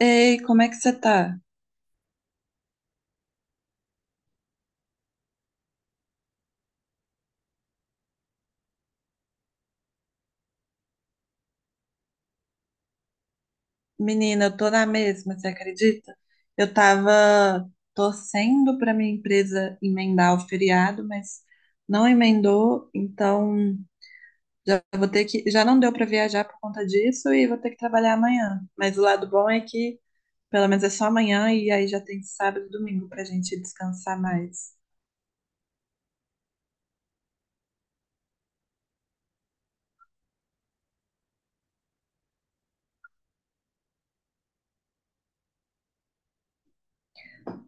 Ei, como é que você tá? Menina, eu tô na mesma, você acredita? Eu tava torcendo pra minha empresa emendar o feriado, mas não emendou, então já vou ter que, já não deu pra viajar por conta disso e vou ter que trabalhar amanhã. Mas o lado bom é que pelo menos é só amanhã e aí já tem sábado e domingo pra gente descansar mais.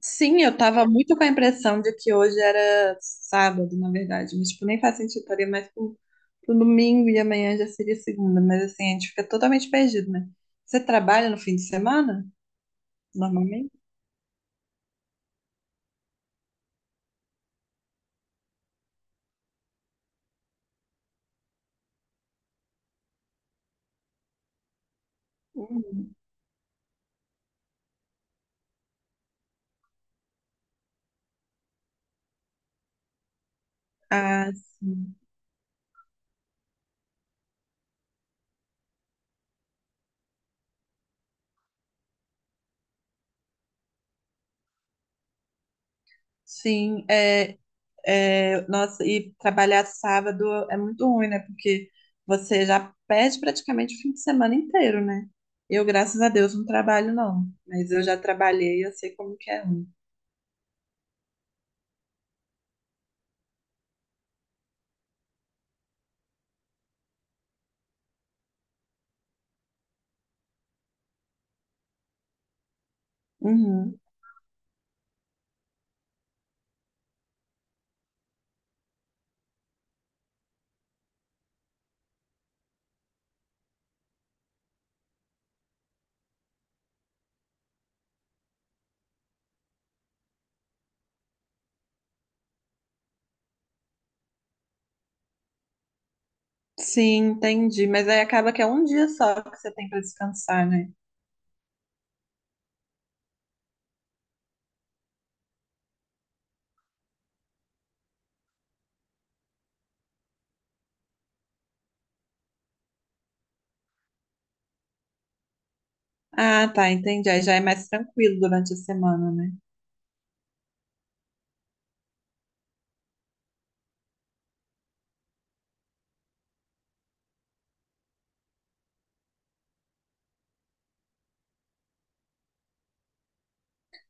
Sim, eu tava muito com a impressão de que hoje era sábado, na verdade, mas tipo, nem faz sentido, pro domingo e amanhã já seria segunda, mas assim, a gente fica totalmente perdido, né? Você trabalha no fim de semana, normalmente? Hum. Ah, sim, nossa, e trabalhar sábado é muito ruim, né? Porque você já perde praticamente o fim de semana inteiro, né? Eu, graças a Deus, não trabalho, não, mas eu já trabalhei, eu sei como que é ruim. Uhum. Sim, entendi. Mas aí acaba que é um dia só que você tem para descansar, né? Ah, tá, entendi. Aí já é mais tranquilo durante a semana, né?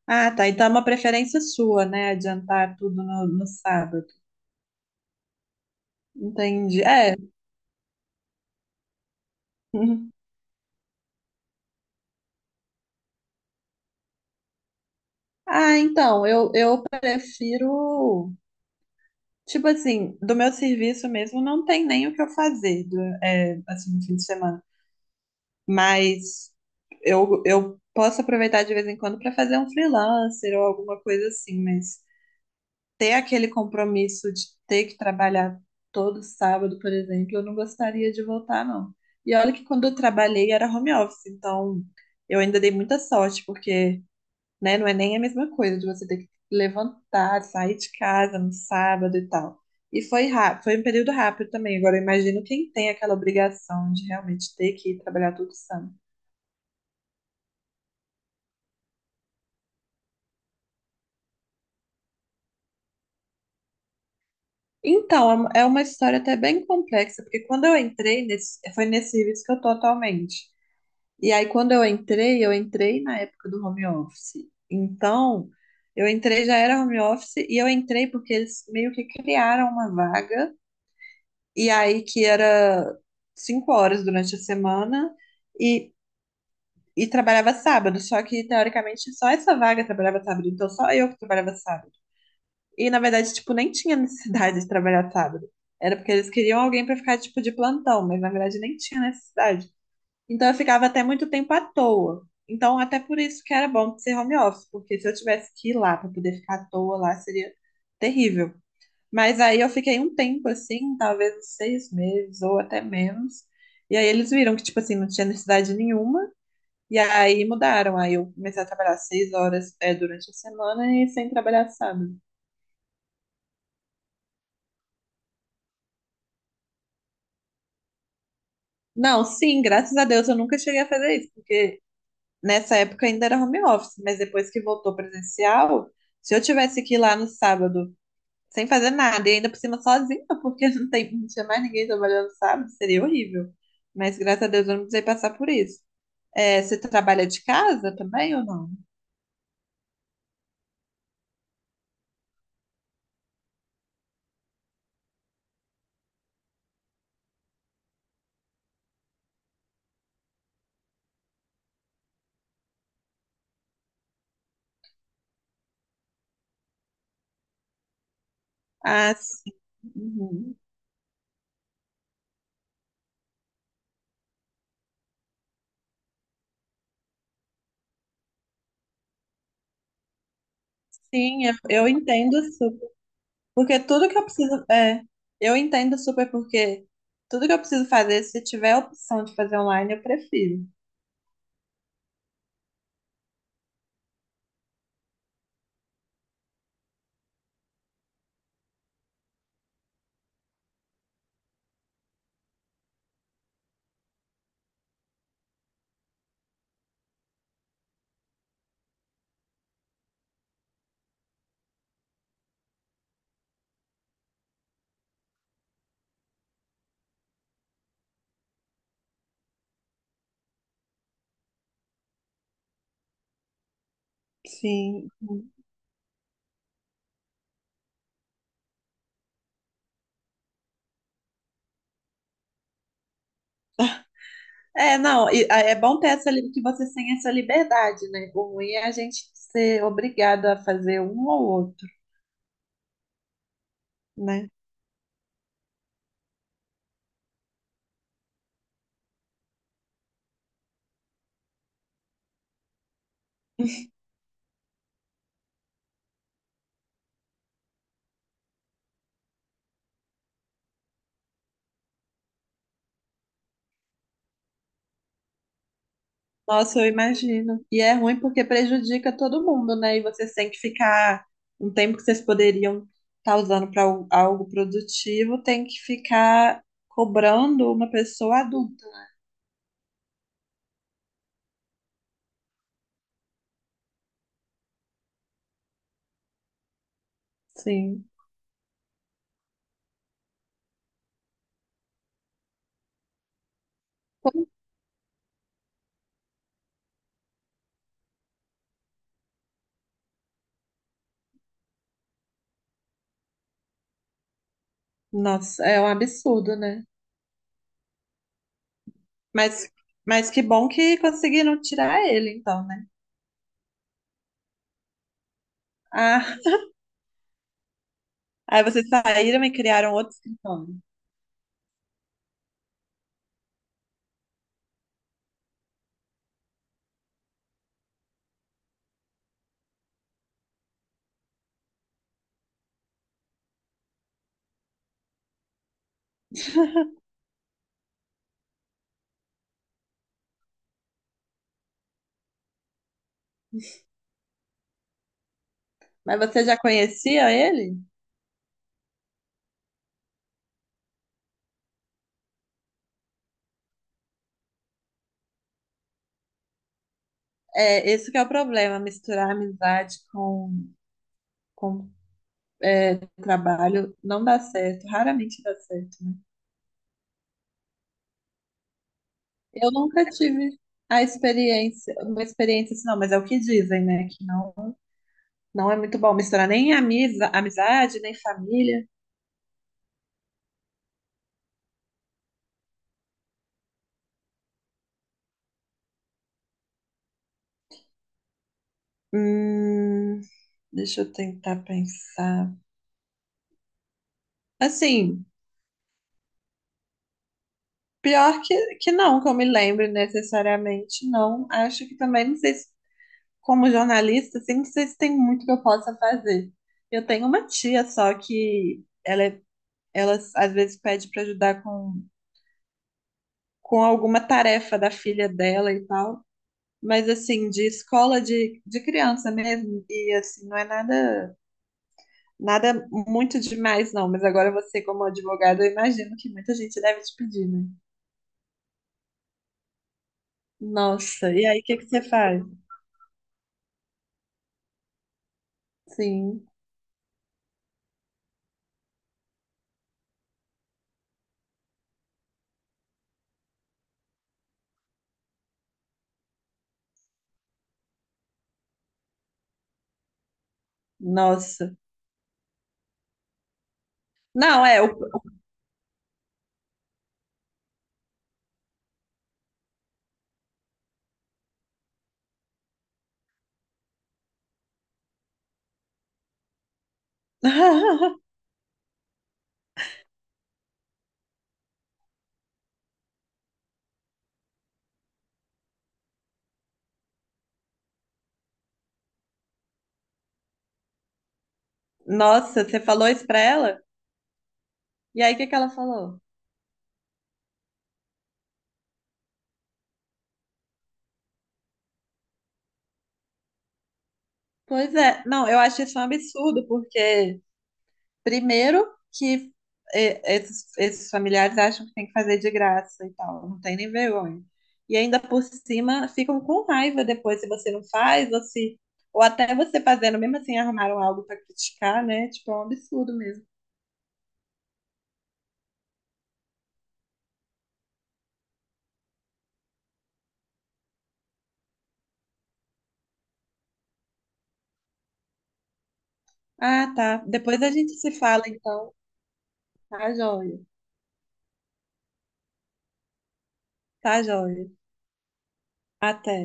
Ah, tá. Então é uma preferência sua, né? Adiantar tudo no sábado. Entendi. É. Uhum. Ah, então, eu prefiro. Tipo assim, do meu serviço mesmo não tem nem o que eu fazer, é, assim, no fim de semana. Mas eu posso aproveitar de vez em quando para fazer um freelancer ou alguma coisa assim, mas. Ter aquele compromisso de ter que trabalhar todo sábado, por exemplo, eu não gostaria de voltar, não. E olha que quando eu trabalhei era home office, então eu ainda dei muita sorte, porque, né, não é nem a mesma coisa de você ter que levantar, sair de casa no sábado e tal. E foi rápido, foi um período rápido também. Agora eu imagino quem tem aquela obrigação de realmente ter que ir trabalhar todo sábado. Então, é uma história até bem complexa, porque quando eu entrei nesse, foi nesse serviço que eu tô atualmente. E aí, quando eu entrei na época do home office. Então, eu entrei, já era home office, e eu entrei porque eles meio que criaram uma vaga, e aí que era cinco horas durante a semana, e, e trabalhava sábado. Só que, teoricamente, só essa vaga trabalhava sábado, então só eu que trabalhava sábado. E, na verdade, tipo, nem tinha necessidade de trabalhar sábado. Era porque eles queriam alguém para ficar, tipo, de plantão, mas na verdade nem tinha necessidade. Então eu ficava até muito tempo à toa. Então, até por isso que era bom ser home office, porque se eu tivesse que ir lá para poder ficar à toa lá, seria terrível. Mas aí eu fiquei um tempo assim, talvez uns seis meses ou até menos. E aí eles viram que, tipo assim, não tinha necessidade nenhuma. E aí mudaram. Aí eu comecei a trabalhar seis horas, é, durante a semana e sem trabalhar sábado. Não, sim, graças a Deus eu nunca cheguei a fazer isso, porque nessa época ainda era home office, mas depois que voltou presencial. Se eu tivesse que ir lá no sábado sem fazer nada, e ainda por cima sozinha, porque não tinha mais ninguém trabalhando sábado, seria horrível. Mas graças a Deus eu não precisei passar por isso. É, você trabalha de casa também ou não? Ah, sim. Uhum. Sim, eu entendo super. Porque tudo que eu preciso. É, eu entendo super, porque tudo que eu preciso fazer, se tiver a opção de fazer online, eu prefiro. Sim. Uhum. É, não, e, a- é bom ter que você tenha essa liberdade, né? O ruim é a gente ser obrigado a fazer um ou outro. Né? Nossa, eu imagino. E é ruim porque prejudica todo mundo, né? E vocês têm que ficar um tempo que vocês poderiam estar usando para algo produtivo, tem que ficar cobrando uma pessoa adulta. Sim. Nossa, é um absurdo, né? Mas, mas que bom que conseguiram tirar ele, então, né? Ah, aí vocês saíram e criaram outro escritório. Mas você já conhecia ele? É, esse que é o problema, misturar amizade com é, trabalho não dá certo, raramente dá certo, né? Eu nunca tive uma experiência assim, não, mas é o que dizem, né? Que não, não é muito bom misturar nem amizade, nem família. Hum, deixa eu tentar pensar. Assim, pior que não, que eu me lembre necessariamente, não. Acho que também, não sei se, como jornalista, assim, não sei se tem muito que eu possa fazer. Eu tenho uma tia só que ela às vezes pede para ajudar com alguma tarefa da filha dela e tal. Mas assim, de de criança mesmo, e assim, não é nada muito demais, não. Mas agora você, como advogado, eu imagino que muita gente deve te pedir, né? Nossa, e aí o que que você faz? Sim, nossa. Não, é. O- Nossa, você falou isso pra ela? E aí o que que ela falou? Pois é, não, eu acho isso um absurdo, porque primeiro que esses familiares acham que tem que fazer de graça e tal, não tem nem vergonha. E ainda por cima ficam com raiva depois se você não faz, ou se, ou até você fazendo, mesmo assim arrumaram algo para criticar, né? Tipo, é um absurdo mesmo. Ah, tá. Depois a gente se fala, então. Tá joia. Tá joia. Até.